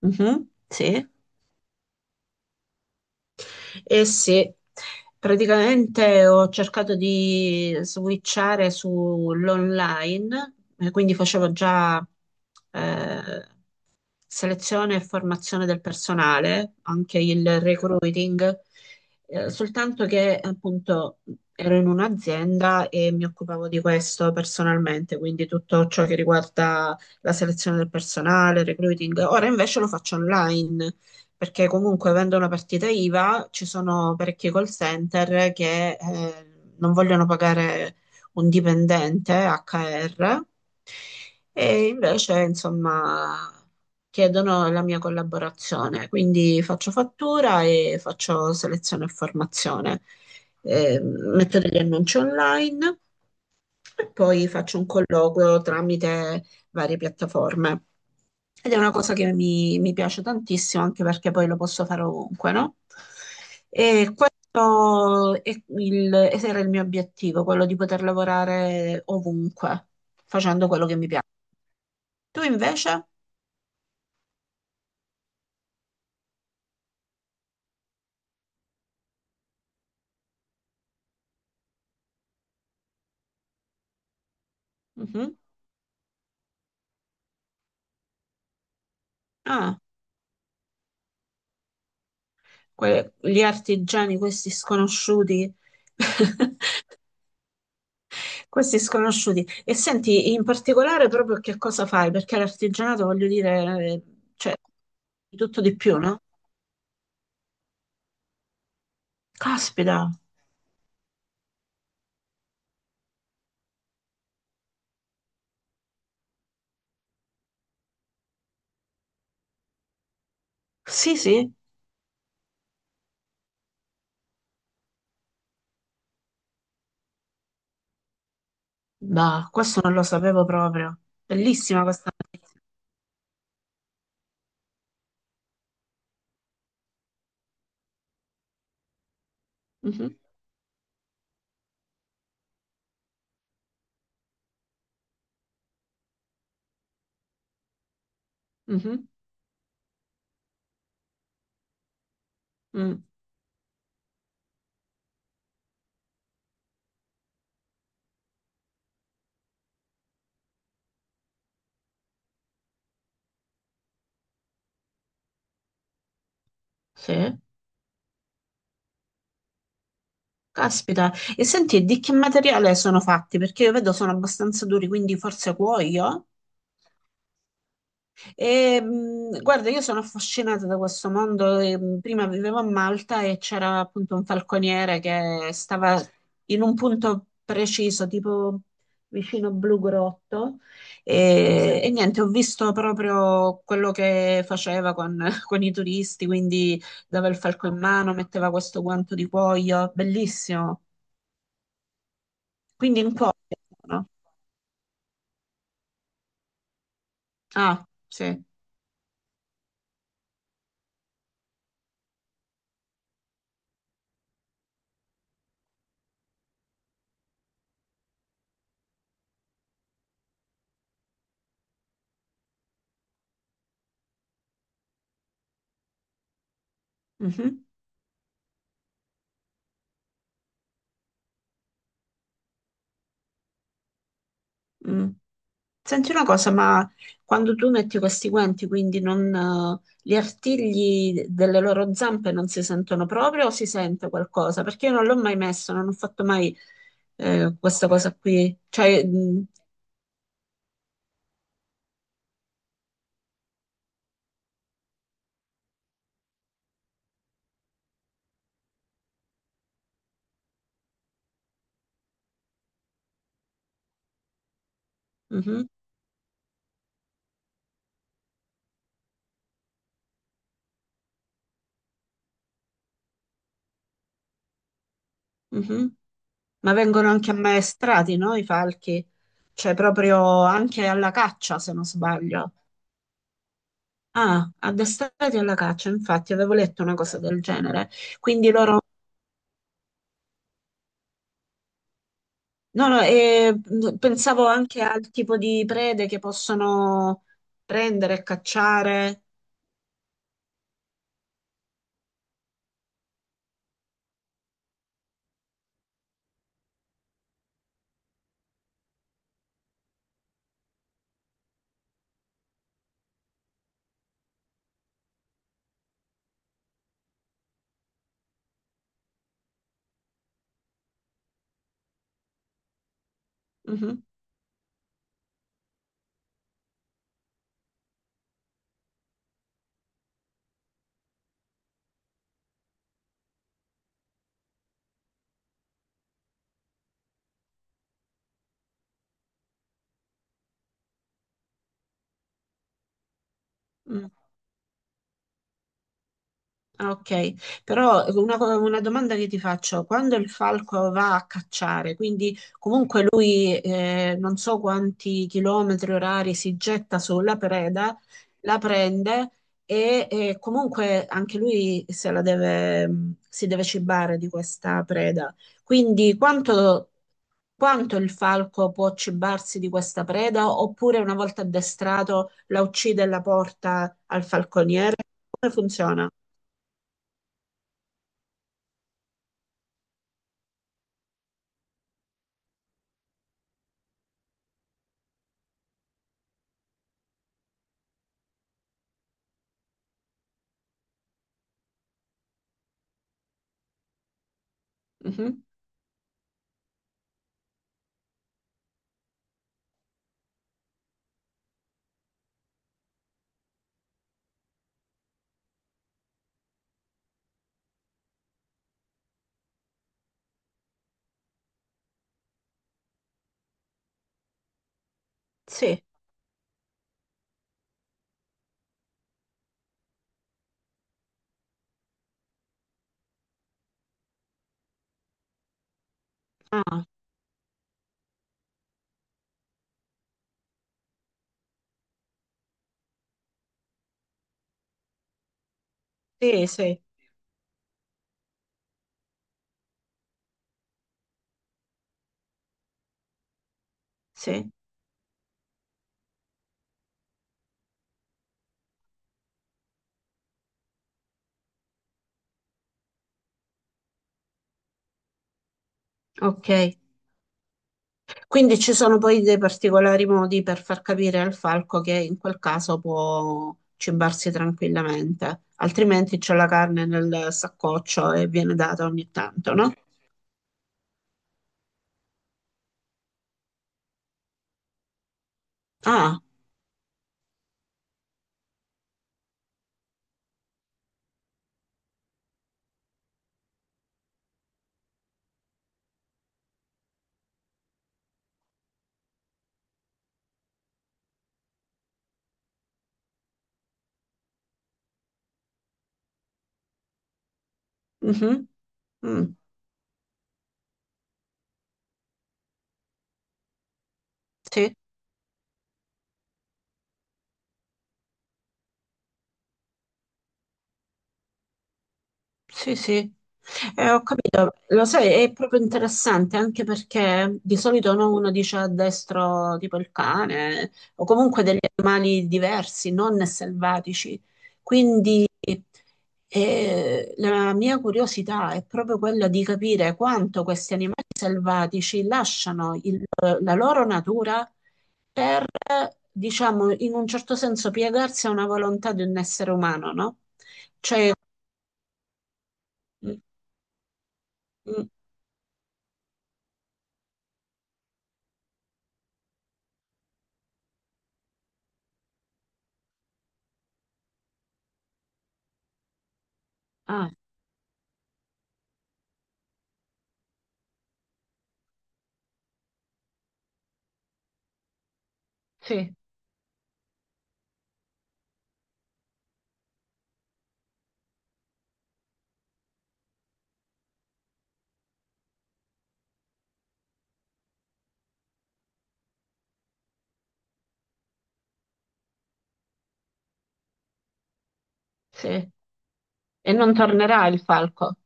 Mhm. Sì. Eh sì, praticamente ho cercato di switchare sull'online, quindi facevo già eh, selezione e formazione del personale, anche il recruiting, soltanto che appunto ero in un'azienda e mi occupavo di questo personalmente, quindi tutto ciò che riguarda la selezione del personale, il recruiting. Ora invece lo faccio online. Perché comunque avendo una partita IVA ci sono parecchi call center che non vogliono pagare un dipendente HR, e invece, insomma, chiedono la mia collaborazione, quindi faccio fattura e faccio selezione e formazione. Metto degli annunci online e poi faccio un colloquio tramite varie piattaforme. Ed è una cosa che mi piace tantissimo, anche perché poi lo posso fare ovunque, no? E questo è ed era il mio obiettivo, quello di poter lavorare ovunque, facendo quello che mi piace. Tu invece? Mhm. Ah. Gli artigiani, questi sconosciuti, questi sconosciuti. E senti, in particolare proprio che cosa fai? Perché l'artigianato, voglio dire, cioè, di tutto di più, no? Caspita, sì, sì, bah, questo non lo sapevo proprio. Bellissima questa. Mhm, mhm, mm, sì, caspita. E senti, di che materiale sono fatti? Perché io vedo sono abbastanza duri, quindi forse cuoio? E, guarda, io sono affascinata da questo mondo. E, prima vivevo a Malta e c'era appunto un falconiere che stava in un punto preciso, tipo vicino Blu Grotto. E niente, ho visto proprio quello che faceva con, con i turisti, quindi dava il falco in mano, metteva questo guanto di cuoio, bellissimo. Quindi in cuoio, no? Ah, sì. Mhm. Mm. Senti una cosa, ma quando tu metti questi guanti, quindi non, gli artigli delle loro zampe non si sentono proprio o si sente qualcosa? Perché io non l'ho mai messo, non ho fatto mai questa cosa qui. Cioè, mm, mhm, mhm. Ma vengono anche ammaestrati, no? I falchi? Cioè, proprio anche alla caccia, se non sbaglio. Ah, addestrati alla caccia, infatti, avevo letto una cosa del genere. Quindi loro no, no, e pensavo anche al tipo di prede che possono prendere e cacciare. Mhm, mm, ah, ok, però una, una domanda che ti faccio, quando il falco va a cacciare, quindi comunque lui non so quanti chilometri orari si getta sulla preda, la prende e comunque anche lui se la deve, si deve cibare di questa preda. Quindi quanto quanto il falco può cibarsi di questa preda, oppure una volta addestrato la uccide e la porta al falconiere? Come funziona? Mhm. Sì, ah, sì, sì, sì. Ok. Quindi ci sono poi dei particolari modi per far capire al falco che in quel caso può cibarsi tranquillamente, altrimenti c'è la carne nel saccoccio e viene data ogni tanto, no? Ah, mhm. Mm, sì. Sì, sì, eh, ho capito. Lo sai, è proprio interessante anche perché di solito no, uno dice a destro tipo il cane o comunque degli animali diversi, non selvatici. Quindi la mia curiosità è proprio quella di capire quanto questi animali selvatici lasciano la loro natura per, diciamo, in un certo senso piegarsi a una volontà di un essere umano, no? Cioè, mm, mm, ah, sì, sì. E non tornerà il falco.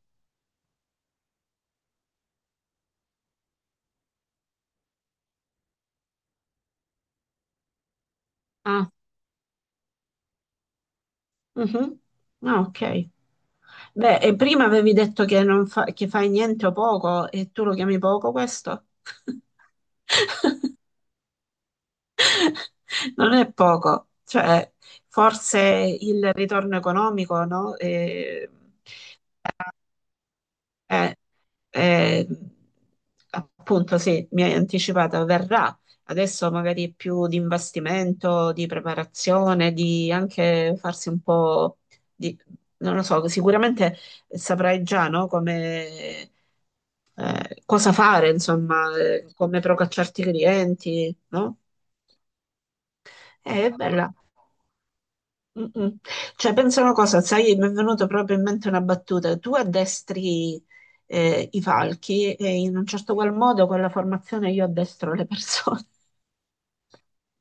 Ah, mhm. Ah, ok. Beh, e prima avevi detto che, non fa- che fai niente o poco, e tu lo chiami poco questo? Non è poco, cioè forse il ritorno economico, no? Eh, eh, appunto, sì, mi hai anticipato, verrà. Adesso magari è più di investimento, di preparazione, di anche farsi un po' di... Non lo so, sicuramente saprai già, no, come, cosa fare, insomma, come procacciarti i clienti, no? È bella. Mm-mm. Cioè, pensa una cosa, sai, mi è venuta proprio in mente una battuta. Tu addestri i falchi e in un certo qual modo con la formazione io addestro le persone.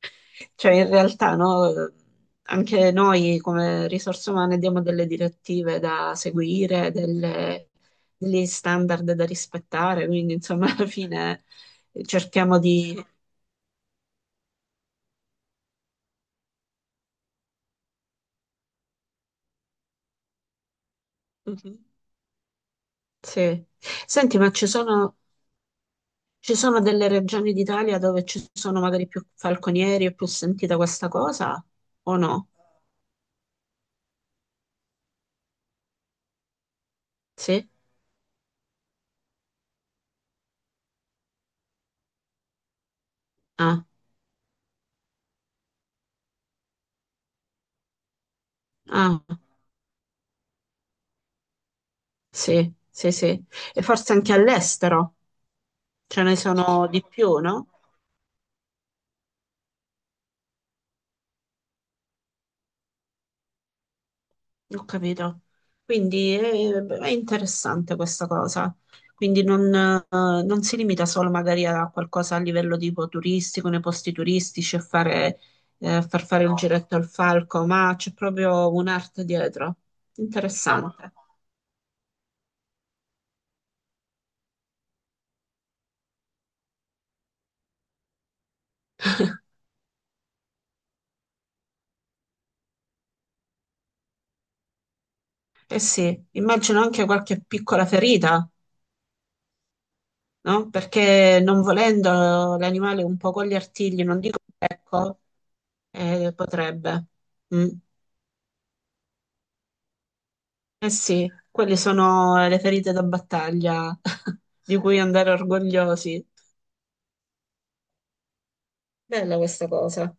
Cioè, in realtà, no, anche noi come risorse umane diamo delle direttive da seguire, delle- degli standard da rispettare, quindi insomma, alla fine cerchiamo di... Mhm. Sì. Senti, ma ci sono... Ci sono delle regioni d'Italia dove ci sono magari più falconieri, è più sentita questa cosa o no? Sì? Ah, ah, sì, sì, sì. E forse anche all'estero ce ne sono di più, no? Ho capito. Quindi è, interessante questa cosa. Quindi non, non si limita solo magari a qualcosa a livello tipo turistico, nei posti turistici, a fare, far fare il giretto al falco, ma c'è proprio un'arte dietro. Interessante. Eh sì, immagino anche qualche piccola ferita, no? Perché non volendo l'animale un po' con gli artigli, non dico ecco, potrebbe. Mm. Eh sì, quelle sono le ferite da battaglia di cui andare orgogliosi. Bella questa cosa.